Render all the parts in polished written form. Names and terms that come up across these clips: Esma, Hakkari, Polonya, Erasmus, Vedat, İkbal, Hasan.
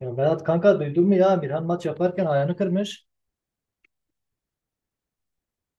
Ya Berat kanka, duydun mu, ya Birhan maç yaparken ayağını kırmış.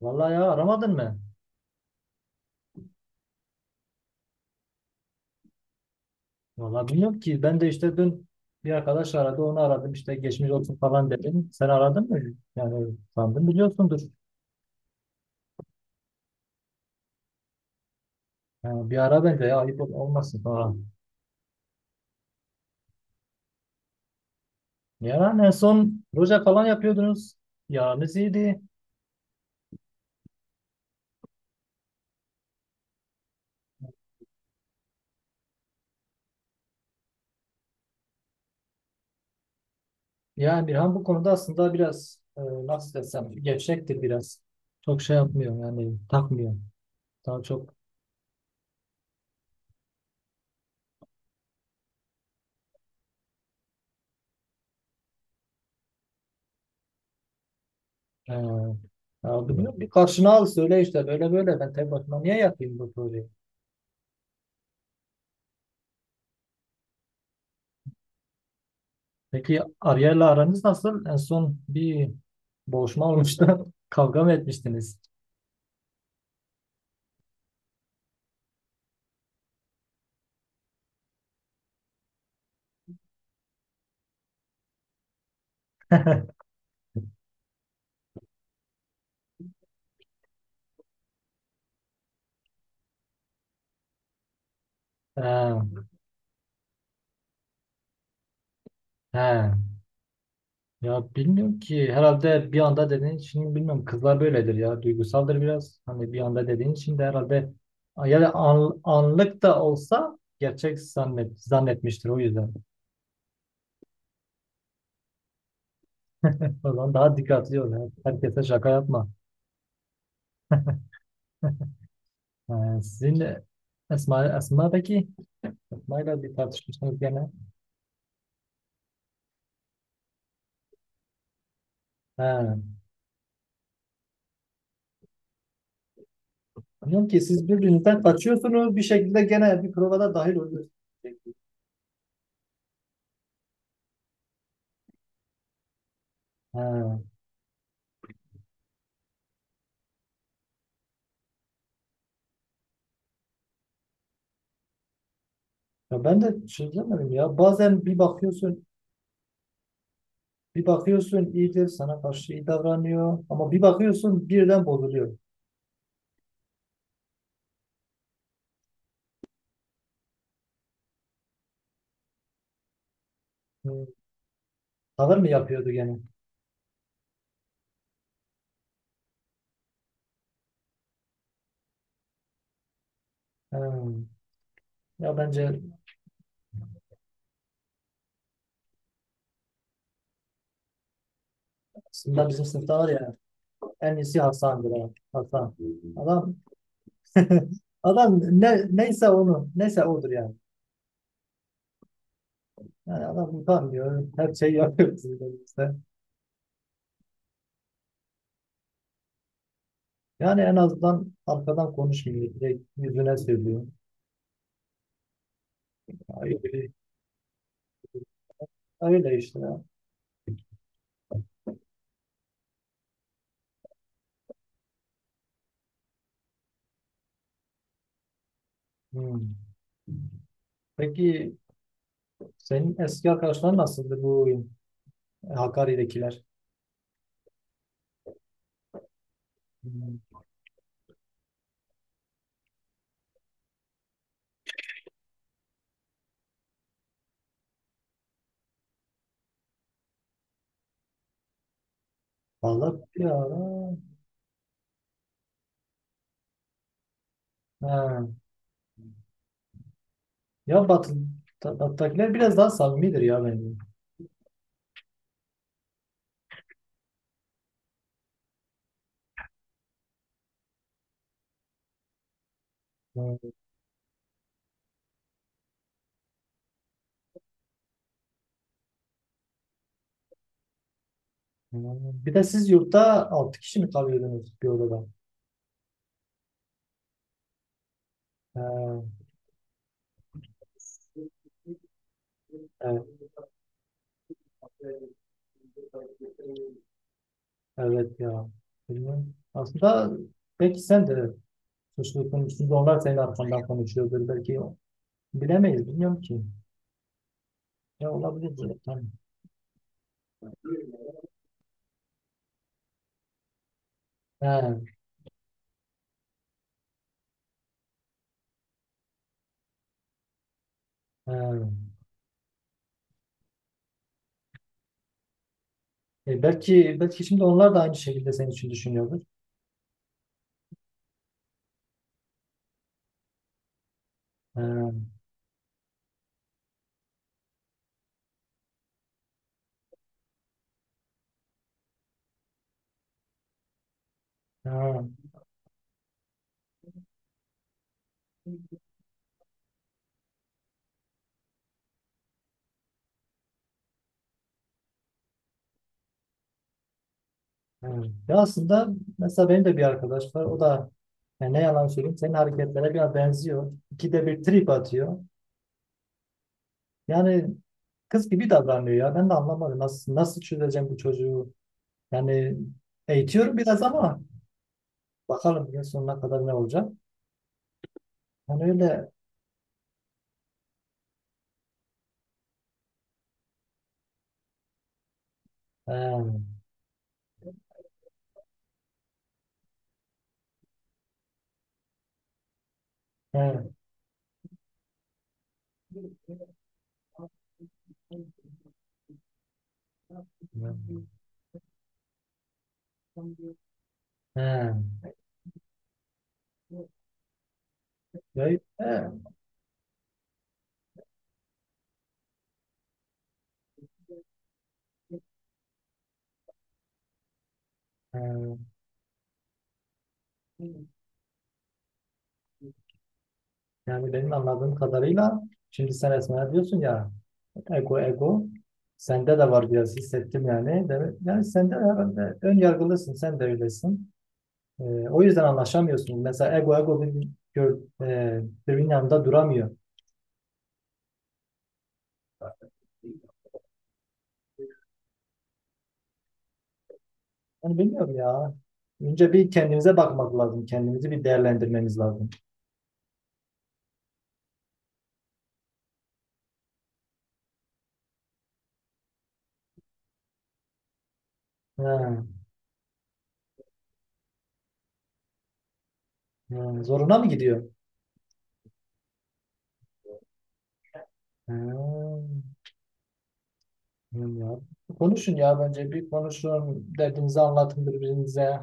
Vallahi ya, aramadın mı? Vallahi bilmiyorum ki, ben de işte dün bir arkadaş aradı, onu aradım, işte geçmiş olsun falan dedim. Sen aradın mı? Yani sandım biliyorsundur. Yani bir ara bence ya, ayıp olmasın sonra. Yani en son proje falan yapıyordunuz. Yaranız iyiydi. Yani Birhan bu konuda aslında biraz nasıl desem gevşektir biraz. Çok şey yapmıyor yani, takmıyor. Daha çok. Ee, Ya bilmiyorum, bir karşına al söyle, işte böyle böyle, ben tek başıma niye yapayım bu soruyu? Peki Ariel'le aranız nasıl? En son bir boğuşma olmuştu. Kavga mı etmiştiniz? He, he. Ya bilmiyorum ki, herhalde bir anda dediğin için, bilmiyorum, kızlar böyledir ya, duygusaldır biraz. Hani bir anda dediğin için de herhalde, ya da anlık da olsa gerçek zannetmiştir, o yüzden. O zaman daha dikkatli ol. Herkese şaka yapma. Ha, sizinle Esma, Esma'daki Esma'yla bir tartışmışsınız gene. Ha. Diyorum ki siz birbirinizden kaçıyorsunuz, bir şekilde gene bir provada dahil oluyorsunuz. Ha. Ya ben de çözemedim ya. Bazen bir bakıyorsun, bir bakıyorsun iyidir, sana karşı iyi davranıyor, ama bir bakıyorsun birden bozuluyor. Hı. Tavır mı yapıyordu gene? Ha. Ya bence aslında bizim sınıfta var ya, en iyisi Hasan'dır. Ha. Hasan. Adam... Adam ne, neyse onu neyse odur yani. Yani adam utanmıyor. Her şeyi yapıyor bizim elimizde. Yani en azından arkadan konuşmuyor. Direkt yüzüne söylüyor. Öyle, öyle işte ya. Hmm. Peki senin eski arkadaşların nasıldı, bu Hakkari'dekiler? Hmm. Vallahi bir ara... Ha. Ya Batı, Batı'dakiler biraz daha samimidir ya bence. Hmm. Hmm. Bir de siz yurtta 6 kişi mi kalıyordunuz bir odada? Ha. Evet. Evet ya. Bilmiyorum. Aslında belki sen de suçlu konuştun da, onlar senin arkandan konuşuyordur. Belki bilemeyiz. Bilmiyorum ki. Ya olabilir böyle. Tamam. He, he. E, belki şimdi onlar da aynı şekilde senin için düşünüyordur. He, he, he. Ya aslında mesela benim de bir arkadaş var. O da yani, ne yalan söyleyeyim, senin hareketlere biraz benziyor. İkide bir trip atıyor. Yani kız gibi davranıyor ya. Ben de anlamadım. Nasıl çözeceğim bu çocuğu? Yani eğitiyorum biraz ama bakalım yıl sonuna kadar ne olacak. Yani öyle. He, he, he. Böyle. He. Yani benim anladığım kadarıyla, şimdi sen Esma'ya diyorsun ya ego ego, sende de var biraz, hissettim yani. Yani sen de herhalde ön yargılısın, sen de öylesin. Ee, O yüzden anlaşamıyorsun. Mesela ego ego bir, birbirinin yanında duramıyor. Yani bilmiyorum ya. Önce bir kendimize bakmak lazım. Kendimizi bir değerlendirmemiz lazım. Ha, ha, zoruna mı gidiyor? Ha, bilmiyorum ya. Konuşun ya bence. Bir konuşun. Derdinizi anlatın birbirinize.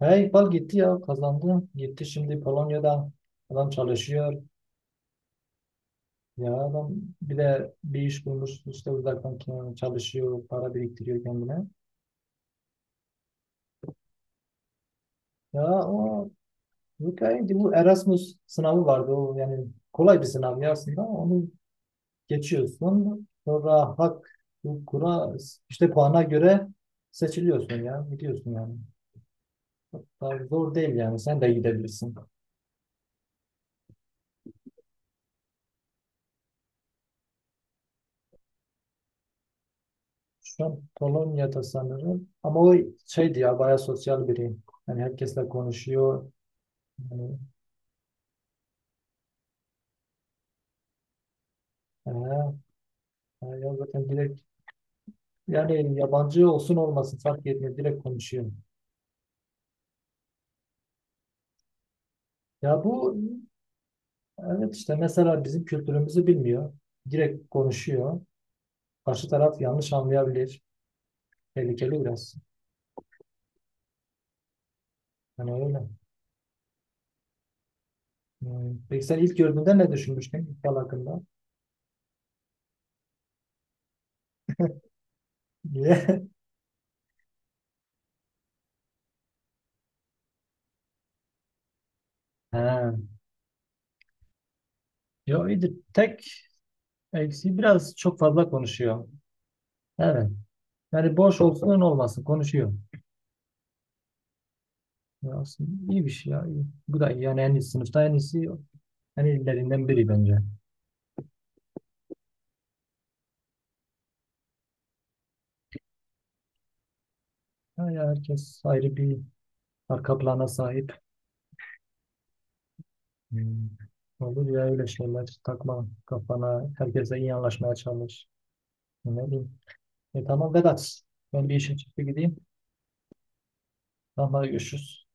Hey, İkbal gitti ya. Kazandı. Gitti şimdi Polonya'da. Adam çalışıyor. Ya adam bir de bir iş bulmuş. İşte uzaktan çalışıyor. Para biriktiriyor kendine. Ya o, bu bu Erasmus sınavı vardı. O yani kolay bir sınav ya aslında. Onu geçiyorsun. Sonra hak hukukuna, işte puana göre seçiliyorsun ya. Gidiyorsun yani. Daha zor değil yani. Sen de gidebilirsin. Şu an Polonya'da sanırım. Ama o şeydi ya, bayağı sosyal biri. Yani herkesle konuşuyor. Yani, ee, ya zaten direkt, yani yabancı olsun olmasın fark etmiyor. Direkt konuşuyor. Ya bu, evet, işte mesela bizim kültürümüzü bilmiyor. Direkt konuşuyor. Karşı taraf yanlış anlayabilir. Tehlikeli biraz. Yani öyle. Hmm. Peki sen ilk gördüğünde ne düşünmüştün ilk yıl hakkında? Niye? Ha. Yo, iyidir. Tek eksiği biraz çok fazla konuşuyor. Evet. Yani boş olsun olmasın konuşuyor. Ya aslında iyi bir şey ya. İyi. Bu da iyi. Yani en iyi, sınıfta en iyilerinden biri bence. Ha ya, herkes ayrı bir arka plana sahip. Hmm. Olur ya öyle şeyler, takma kafana. Herkese iyi anlaşmaya çalış. Ne bileyim. E, tamam Vedat. Ben bir işe çıktı, gideyim. Tamam, hadi görüşürüz.